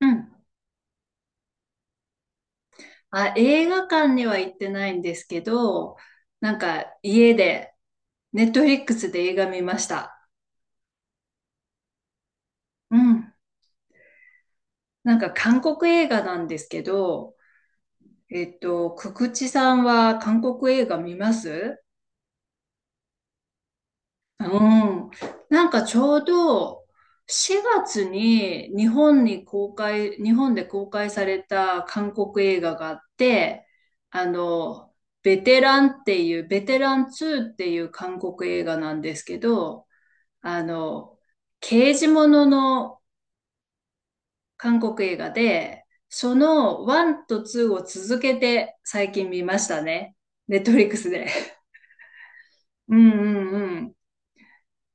うん。あ、映画館には行ってないんですけど、なんか家で、ネットフリックスで映画見ました。うん。なんか韓国映画なんですけど、くくちさんは韓国映画見ます？うん。なんかちょうど4月に日本に公開、日本で公開された韓国映画があって、あの、ベテラン2っていう韓国映画なんですけど、あの、刑事ものの韓国映画で、その1と2を続けて最近見ましたね。ネットフリックスで。うんうんうん。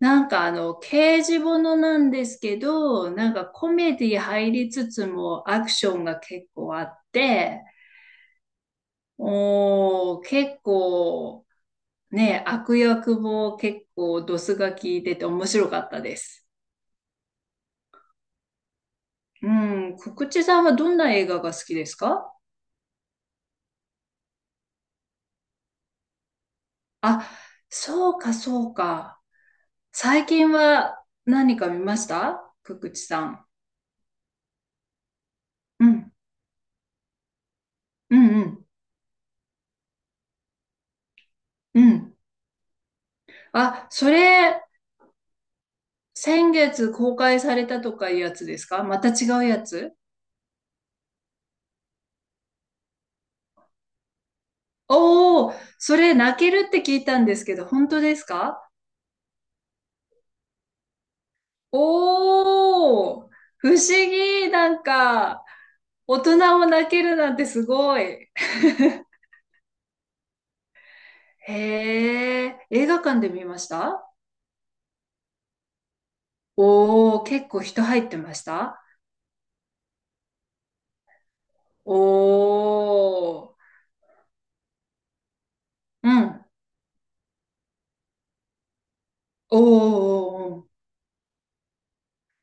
なんか刑事ものなんですけど、なんかコメディ入りつつもアクションが結構あって、おー、結構ね、悪役も結構ドスが効いてて面白かったです。うん、くくちさんはどんな映画が好きですか？あ、そうか、そうか。最近は何か見ました？くくちさん。うん、うん、うん、うん。あ、それ、先月公開されたとかいうやつですか？また違うやつ？おおー、それ泣けるって聞いたんですけど、本当ですか？おおー、不思議。なんか、大人も泣けるなんてすごい。へえ、映画館で見ました？おおー、結構人入ってました？おー。うん。おーおーおー。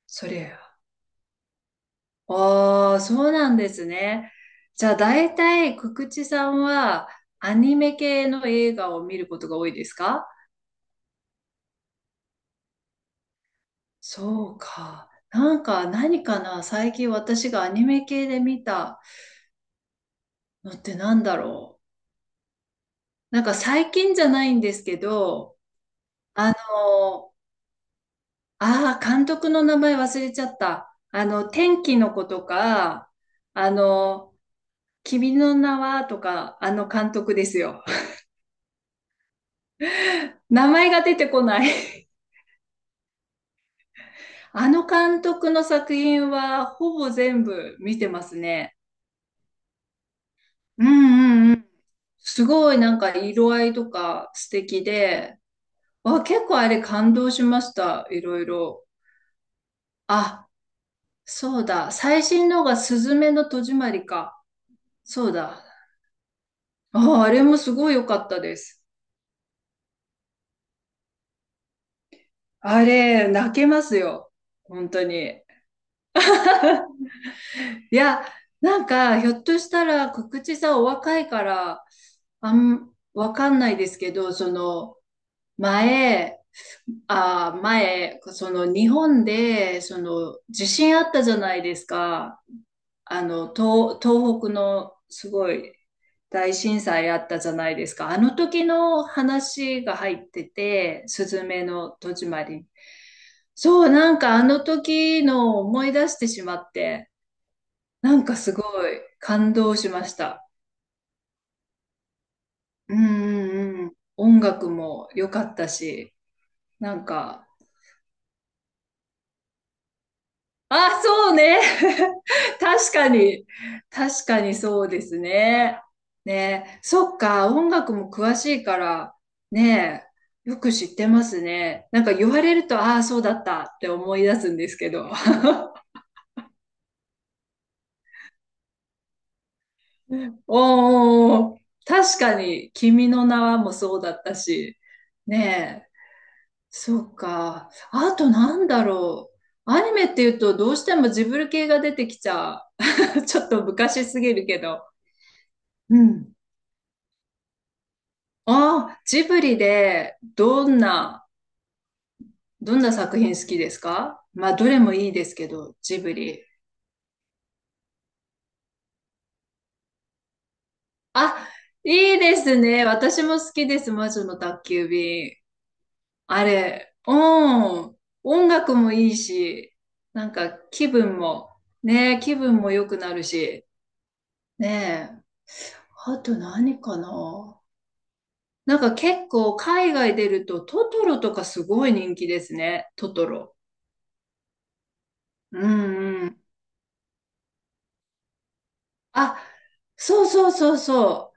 そりゃああ、そうなんですね。じゃあ、大体、くくちさんは、アニメ系の映画を見ることが多いですか？そうか。なんか、何かな、最近私がアニメ系で見たのってなんだろう。なんか、最近じゃないんですけど、あの、ああ、監督の名前忘れちゃった。天気の子とか、あの、君の名はとか、あの監督ですよ。名前が出てこない。あの監督の作品はほぼ全部見てますね。うんうんうん。すごいなんか色合いとか素敵で、わ、結構あれ感動しました。いろいろ。あ、そうだ。最新のがすずめの戸締まりか。そうだ。あ、あれもすごい良かったです。あれ、泣けますよ。本当に。いや、なんか、ひょっとしたら、告知さんお若いから、わかんないですけど、前、あー、前、日本で、地震あったじゃないですか。東北の、すごい、大震災あったじゃないですか。あの時の話が入ってて、すずめの戸締まり。そう、なんかあの時の思い出してしまって。なんかすごい感動しました。うんうんうん。音楽も良かったし、なんか、あ、そうね。確かに。確かにそうですね。ね、そっか、音楽も詳しいから、ね、よく知ってますね。なんか言われると、ああ、そうだったって思い出すんですけど。おーお、確かに、君の名はもそうだったし、ね、そうか。あとなんだろう。アニメっていうとどうしてもジブリ系が出てきちゃう。ちょっと昔すぎるけど。うん。ああ、ジブリでどんな、作品好きですか？まあ、どれもいいですけど、ジブリ。あ、いいですね。私も好きです。魔女の宅急便。あれ、うん。音楽もいいし、なんか気分も良くなるし、ねえ。あと何かな、なんか結構海外出るとトトロとかすごい人気ですね。トトロ。うんうん。あ、そうそうそうそ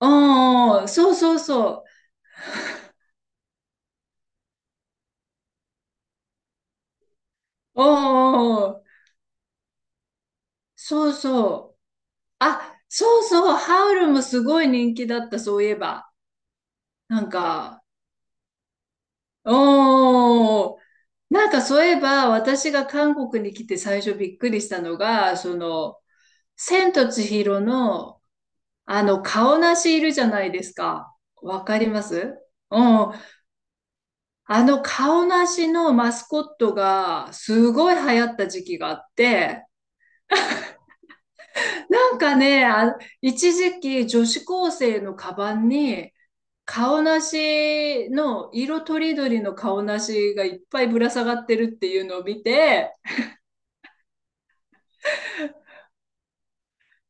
う。うんうん、そうそうそう。うんうんうん、そうそう。あ、そうそう。ハウルもすごい人気だった、そういえば。なんか、うん。なんかそういえば、私が韓国に来て最初びっくりしたのが、千と千尋の顔なしいるじゃないですか。わかります？うん。顔なしのマスコットが、すごい流行った時期があって、なんかね、あ、一時期女子高生のカバンに、顔なしの、色とりどりの顔なしがいっぱいぶら下がってるっていうのを見て、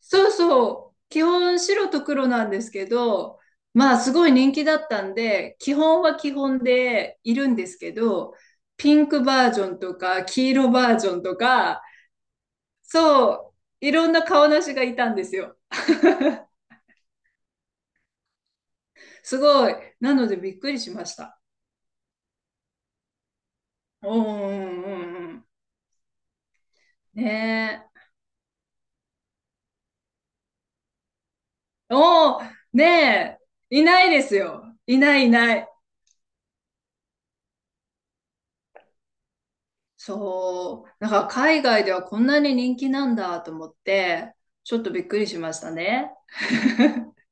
そうそう。基本白と黒なんですけど、まあすごい人気だったんで、基本は基本でいるんですけど、ピンクバージョンとか黄色バージョンとか、そう、いろんな顔なしがいたんですよ。すごい。なのでびっくりしました。うんうんうんうん。ねえ。おーねえ。いないですよ。いないいない。そう、なんか海外ではこんなに人気なんだと思って、ちょっとびっくりしましたね。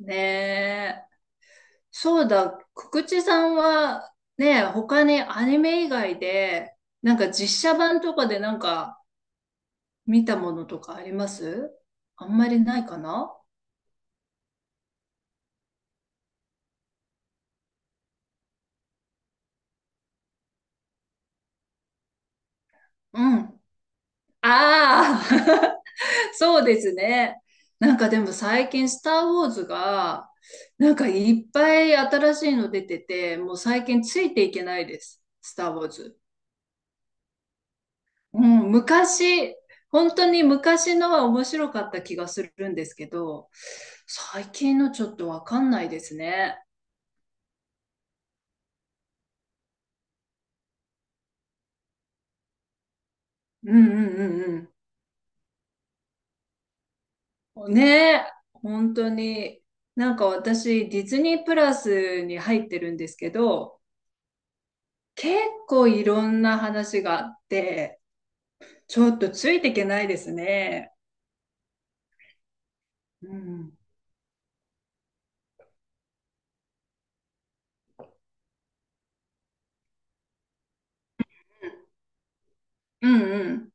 ねえ。そうだ、くくちさんはね、他にアニメ以外で、なんか実写版とかでなんか見たものとかあります？あんまりないかな。うん。ああ そうですね。なんかでも最近、スター・ウォーズが、なんかいっぱい新しいの出てて、もう最近ついていけないです。スター・ウォーズ。うん、昔、本当に昔のは面白かった気がするんですけど、最近のちょっとわかんないですね。うんうんうんうん。ねえ、本当に。なんか私、ディズニープラスに入ってるんですけど、結構いろんな話があって、ちょっとついていけないですね。うん。うんうん。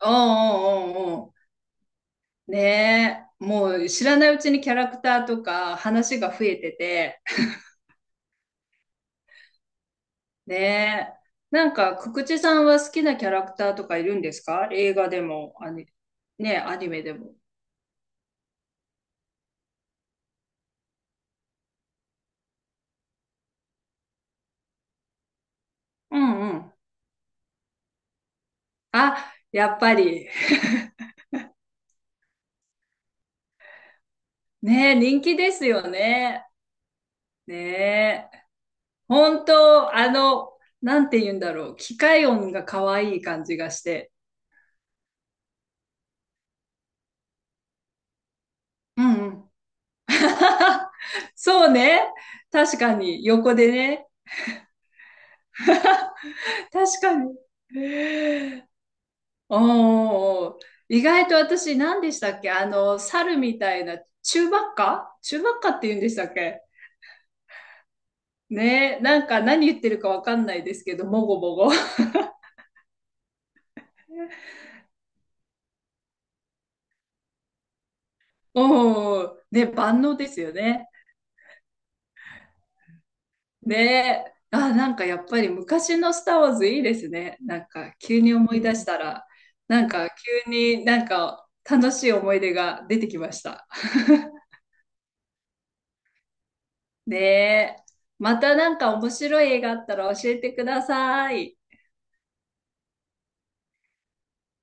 おうおうおうおう。ねえ。もう知らないうちにキャラクターとか話が増えてて。ねえ。なんか、くくちさんは好きなキャラクターとかいるんですか？映画でも、ねえ、アニメでも。うんうん。あ、やっぱり。ねえ、人気ですよね。ねえ。本当、なんて言うんだろう。機械音が可愛い感じがして。うんうん。そうね。確かに、横でね。確かに。おー、意外と私何でしたっけ？猿みたいな、中ばっか中ばっかって言うんでしたっけ？ね、なんか何言ってるかわかんないですけど、もごもご。おー、ね、万能ですよね。ね、あ、なんかやっぱり昔のスター・ウォーズいいですね。なんか急に思い出したら、なんか急になんか楽しい思い出が出てきました。ねえ。またなんか面白い映画あったら教えてください。